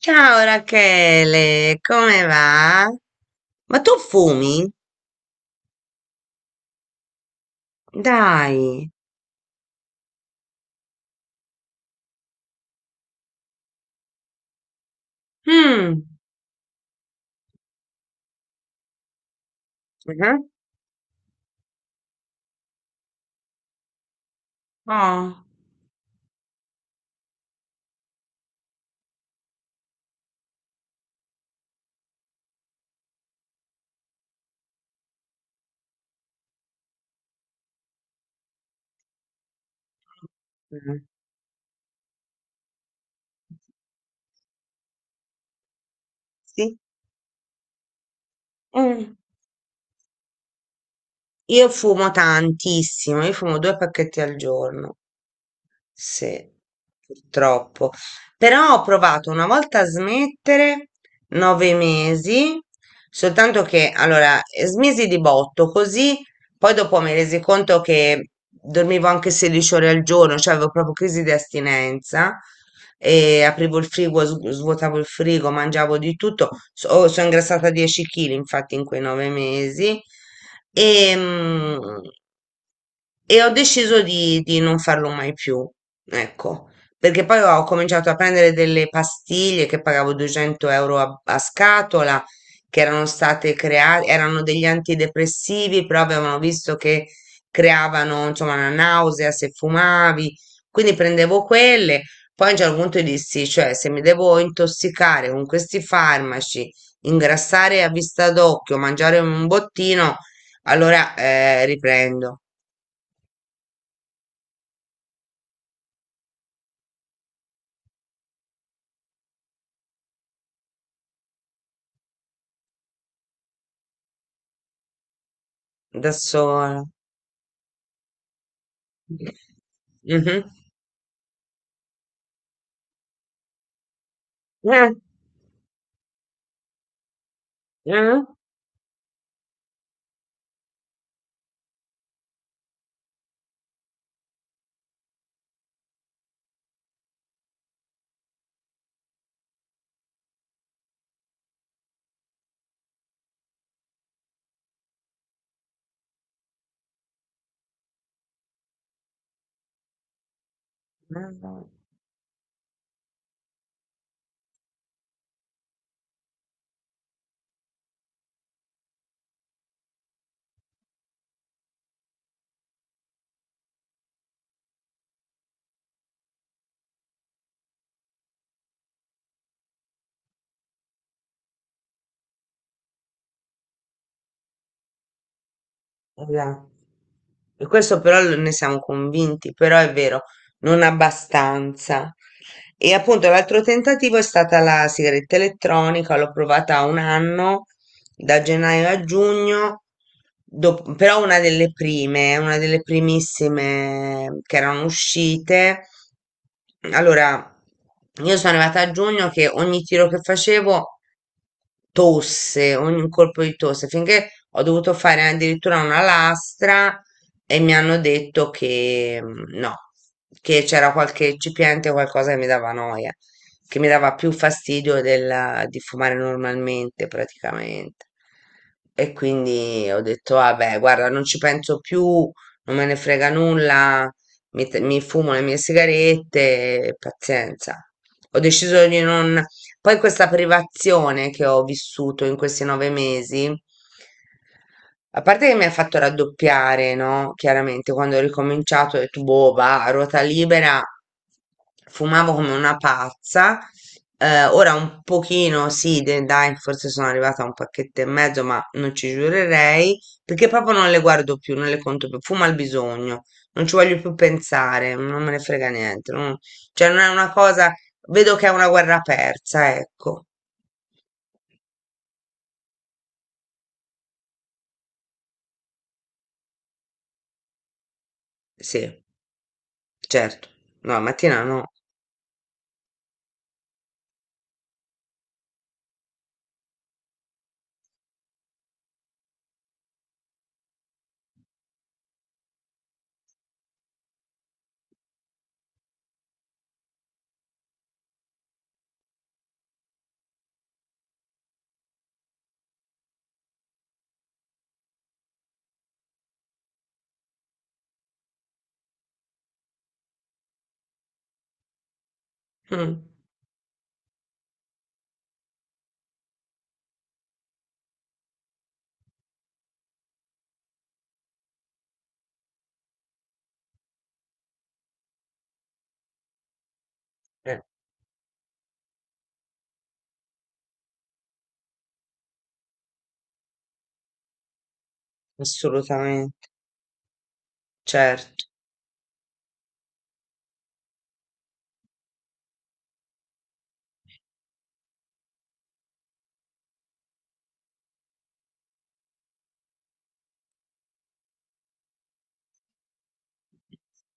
Ciao Rachele, come va? Ma tu fumi? Dai. Mm. Mhm. Oh. Mm. Sì. Mm. Io fumo tantissimo, io fumo due pacchetti al giorno. Sì, purtroppo. Però ho provato una volta a smettere 9 mesi, soltanto che allora smisi di botto, così poi dopo mi resi conto che dormivo anche 16 ore al giorno, cioè avevo proprio crisi di astinenza e aprivo il frigo, svuotavo il frigo, mangiavo di tutto. Sono ingrassata 10 kg infatti in quei 9 mesi. E, e ho deciso di non farlo mai più, ecco, perché poi ho cominciato a prendere delle pastiglie che pagavo 200 euro a scatola, che erano state create, erano degli antidepressivi, però avevano visto che creavano, insomma, una nausea se fumavi, quindi prendevo quelle, poi a un certo punto dissi, cioè, se mi devo intossicare con questi farmaci, ingrassare a vista d'occhio, mangiare un bottino, allora riprendo. Da sola. Mh-mh. Eh. Eh. Eh. Esatto. E questo però ne siamo convinti, però è vero, non abbastanza. E appunto l'altro tentativo è stata la sigaretta elettronica, l'ho provata un anno, da gennaio a giugno, però una delle prime, una delle primissime che erano uscite. Allora, io sono arrivata a giugno che ogni tiro che facevo tosse, ogni colpo di tosse, finché ho dovuto fare addirittura una lastra e mi hanno detto che no, che c'era qualche eccipiente o qualcosa che mi dava noia, che mi dava più fastidio di fumare normalmente praticamente. E quindi ho detto, vabbè, guarda, non ci penso più, non me ne frega nulla, mi fumo le mie sigarette, pazienza. Ho deciso di non. Poi questa privazione che ho vissuto in questi 9 mesi, a parte che mi ha fatto raddoppiare, no? Chiaramente, quando ho ricominciato, ho detto, boh, va, a ruota libera, fumavo come una pazza. Ora un pochino, sì, dai, forse sono arrivata a un pacchetto e mezzo, ma non ci giurerei, perché proprio non le guardo più, non le conto più, fumo al bisogno, non ci voglio più pensare, non me ne frega niente, cioè non è una cosa, vedo che è una guerra persa, ecco, sì, certo, no, la mattina no. Mm. Eh. Assolutamente, certo.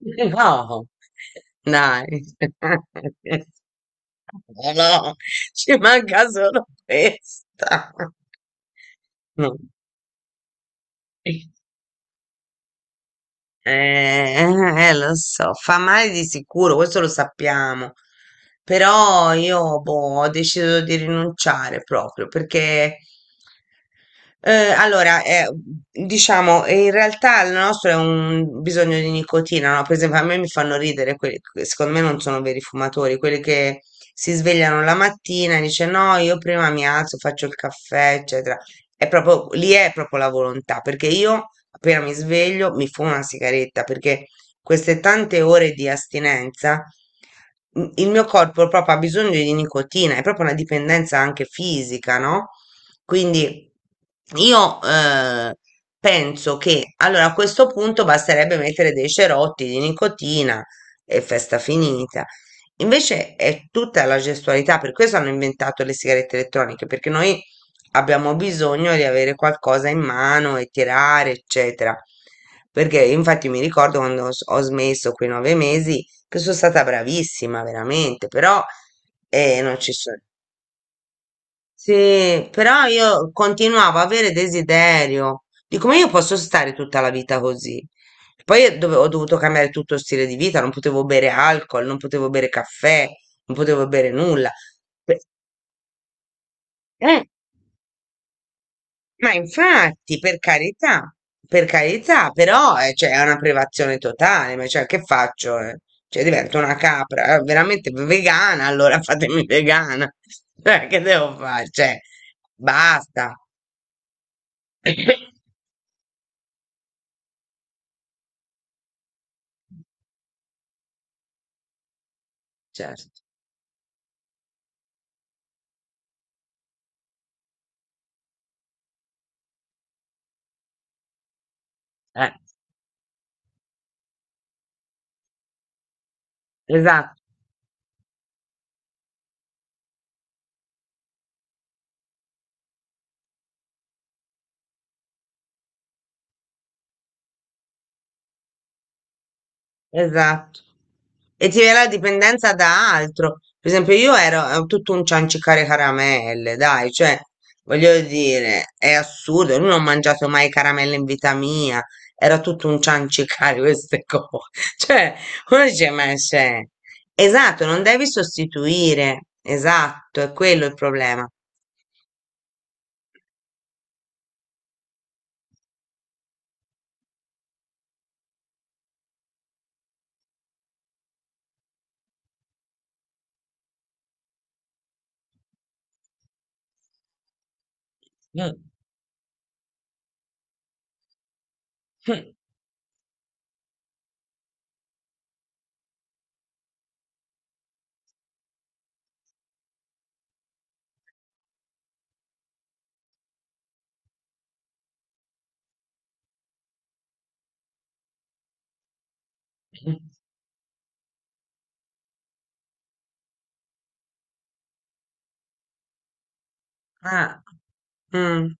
No, dai. No, no, ci manca solo questa. No. Eh, eh, lo so, fa male di sicuro, questo lo sappiamo. Però io boh, ho deciso di rinunciare proprio perché allora, diciamo, in realtà il nostro è un bisogno di nicotina, no? Per esempio, a me mi fanno ridere quelli, che secondo me non sono veri fumatori, quelli che si svegliano la mattina e dice no, io prima mi alzo, faccio il caffè, eccetera. È proprio, lì è proprio la volontà, perché io appena mi sveglio mi fumo una sigaretta, perché queste tante ore di astinenza, il mio corpo proprio ha bisogno di nicotina, è proprio una dipendenza anche fisica, no? Quindi io penso che allora a questo punto basterebbe mettere dei cerotti di nicotina e festa finita. Invece è tutta la gestualità, per questo hanno inventato le sigarette elettroniche, perché noi abbiamo bisogno di avere qualcosa in mano e tirare, eccetera. Perché infatti mi ricordo quando ho smesso quei 9 mesi che sono stata bravissima, veramente, però non ci so- sì, però io continuavo a avere desiderio. Dico, ma io posso stare tutta la vita così. Poi io ho dovuto cambiare tutto stile di vita, non potevo bere alcol, non potevo bere caffè, non potevo bere nulla. Pe- eh, ma infatti, per carità, però cioè, è una privazione totale, ma cioè, che faccio? Eh? Cioè, divento una capra, veramente vegana, allora fatemi vegana. Cioè, che devo fare? Cioè, basta. Certo, eh, esatto, esatto. E ti viene la dipendenza da altro. Per esempio, io ero tutto un ciancicare caramelle, dai, cioè, voglio dire, è assurdo, io non ho mangiato mai caramelle in vita mia, era tutto un ciancicare queste cose. Cioè, uno dice, ma c'è. Esatto, non devi sostituire, esatto, è quello il problema. Mm. Ah, mm,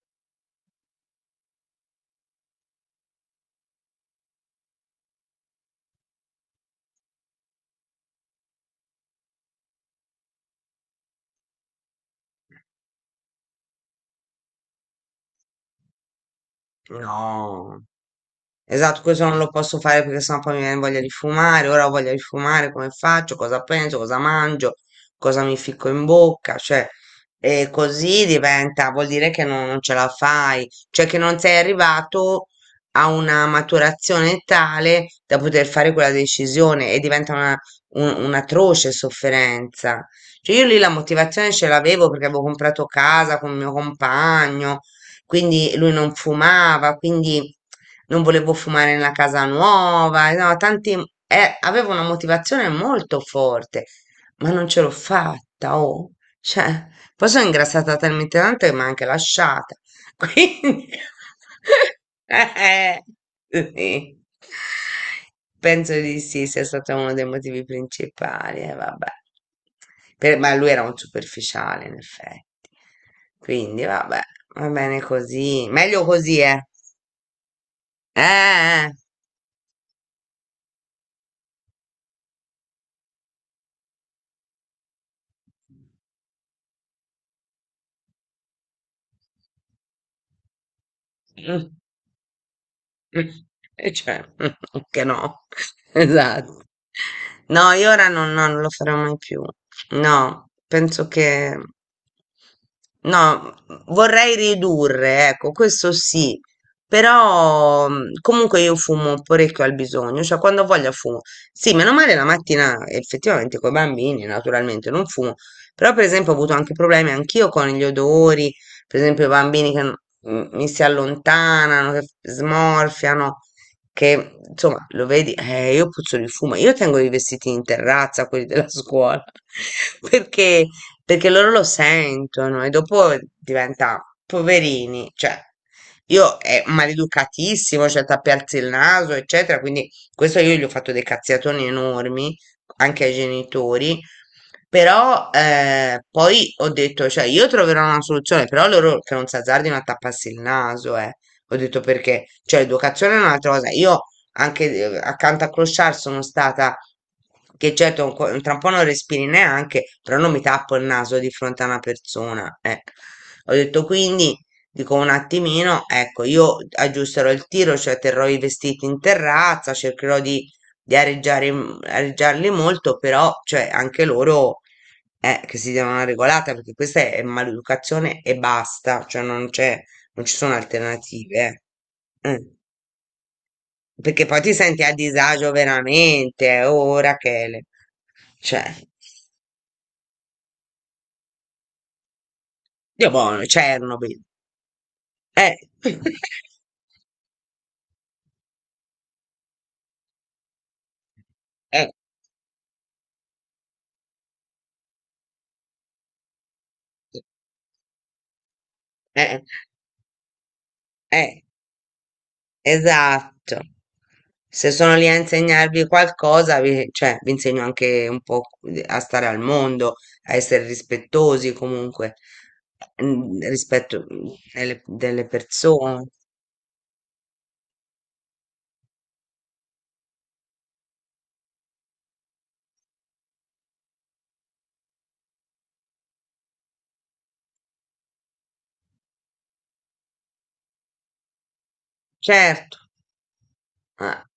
no. Esatto, questo non lo posso fare perché sennò poi mi viene voglia di fumare, ora ho voglia di fumare, come faccio, cosa penso, cosa mangio, cosa mi ficco in bocca, cioè, e così diventa, vuol dire che non ce la fai, cioè che non sei arrivato a una maturazione tale da poter fare quella decisione e diventa un'atroce sofferenza. Cioè io lì la motivazione ce l'avevo perché avevo comprato casa con mio compagno, quindi lui non fumava, quindi non volevo fumare nella casa nuova, no, tanti, avevo una motivazione molto forte, ma non ce l'ho fatta, oh. Cioè, poi sono ingrassata talmente tanto che mi ha anche lasciata. Quindi, eh, sì. Penso di sì, sia stato uno dei motivi principali, vabbè. Ma lui era un superficiale, in effetti. Quindi, vabbè, va bene così. Meglio così, eh. Eh. Mm, mm. E cioè, che no, esatto. No, io ora non, no, non lo farò mai più. No, penso che. No, vorrei ridurre, ecco, questo sì, però comunque io fumo parecchio al bisogno, cioè quando voglio fumo. Sì, meno male la mattina effettivamente con i bambini, naturalmente non fumo, però per esempio ho avuto anche problemi anch'io con gli odori, per esempio i bambini che mi si allontanano, che smorfiano, che insomma lo vedi, io puzzo di fumo, io tengo i vestiti in terrazza, quelli della scuola, perché, perché loro lo sentono e dopo diventa poverini, cioè io è maleducatissimo, cioè tappi alzi il naso, eccetera, quindi questo io gli ho fatto dei cazziatoni enormi anche ai genitori. Però poi ho detto, cioè io troverò una soluzione, però loro che non si azzardino a tapparsi il naso, eh. Ho detto perché, cioè l'educazione è un'altra cosa. Io anche accanto a Clochard sono stata, che certo tra un po' non respiri neanche, però non mi tappo il naso di fronte a una persona. Eh. Ho detto quindi, dico un attimino, ecco, io aggiusterò il tiro, cioè terrò i vestiti in terrazza, cercherò di areggiare, areggiarli molto, però cioè, anche loro che si devono una regolata perché questa è maleducazione e basta, cioè non c'è, non ci sono alternative. Eh. Mm. Perché poi ti senti a disagio veramente, oh Rachele. Cioè, Dio buono, Chernobyl. Eh. Eh, eh, eh. Esatto. Se sono lì a insegnarvi qualcosa, cioè, vi insegno anche un po' a stare al mondo, a essere rispettosi comunque, rispetto delle persone. Certo. Ah,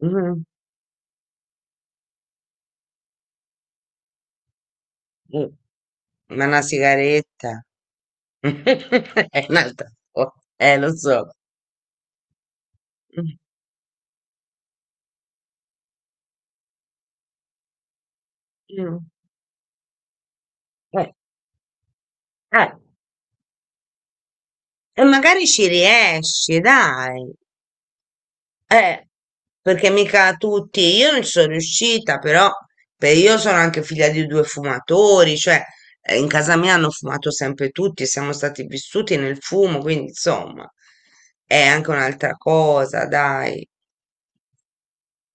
mm, mm. Ma una sigaretta è un'altra cosa. Lo so. Mm, mm, eh, eh. E magari ci riesci, dai. Eh. Perché mica tutti, io non ci sono riuscita, però io sono anche figlia di due fumatori, cioè in casa mia hanno fumato sempre tutti, siamo stati vissuti nel fumo, quindi insomma è anche un'altra cosa, dai.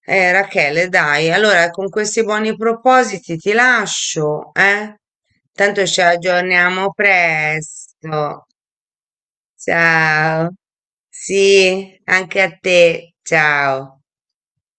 Rachele, dai, allora con questi buoni propositi ti lascio, eh? Tanto ci aggiorniamo presto. Ciao. Sì, anche a te. Ciao.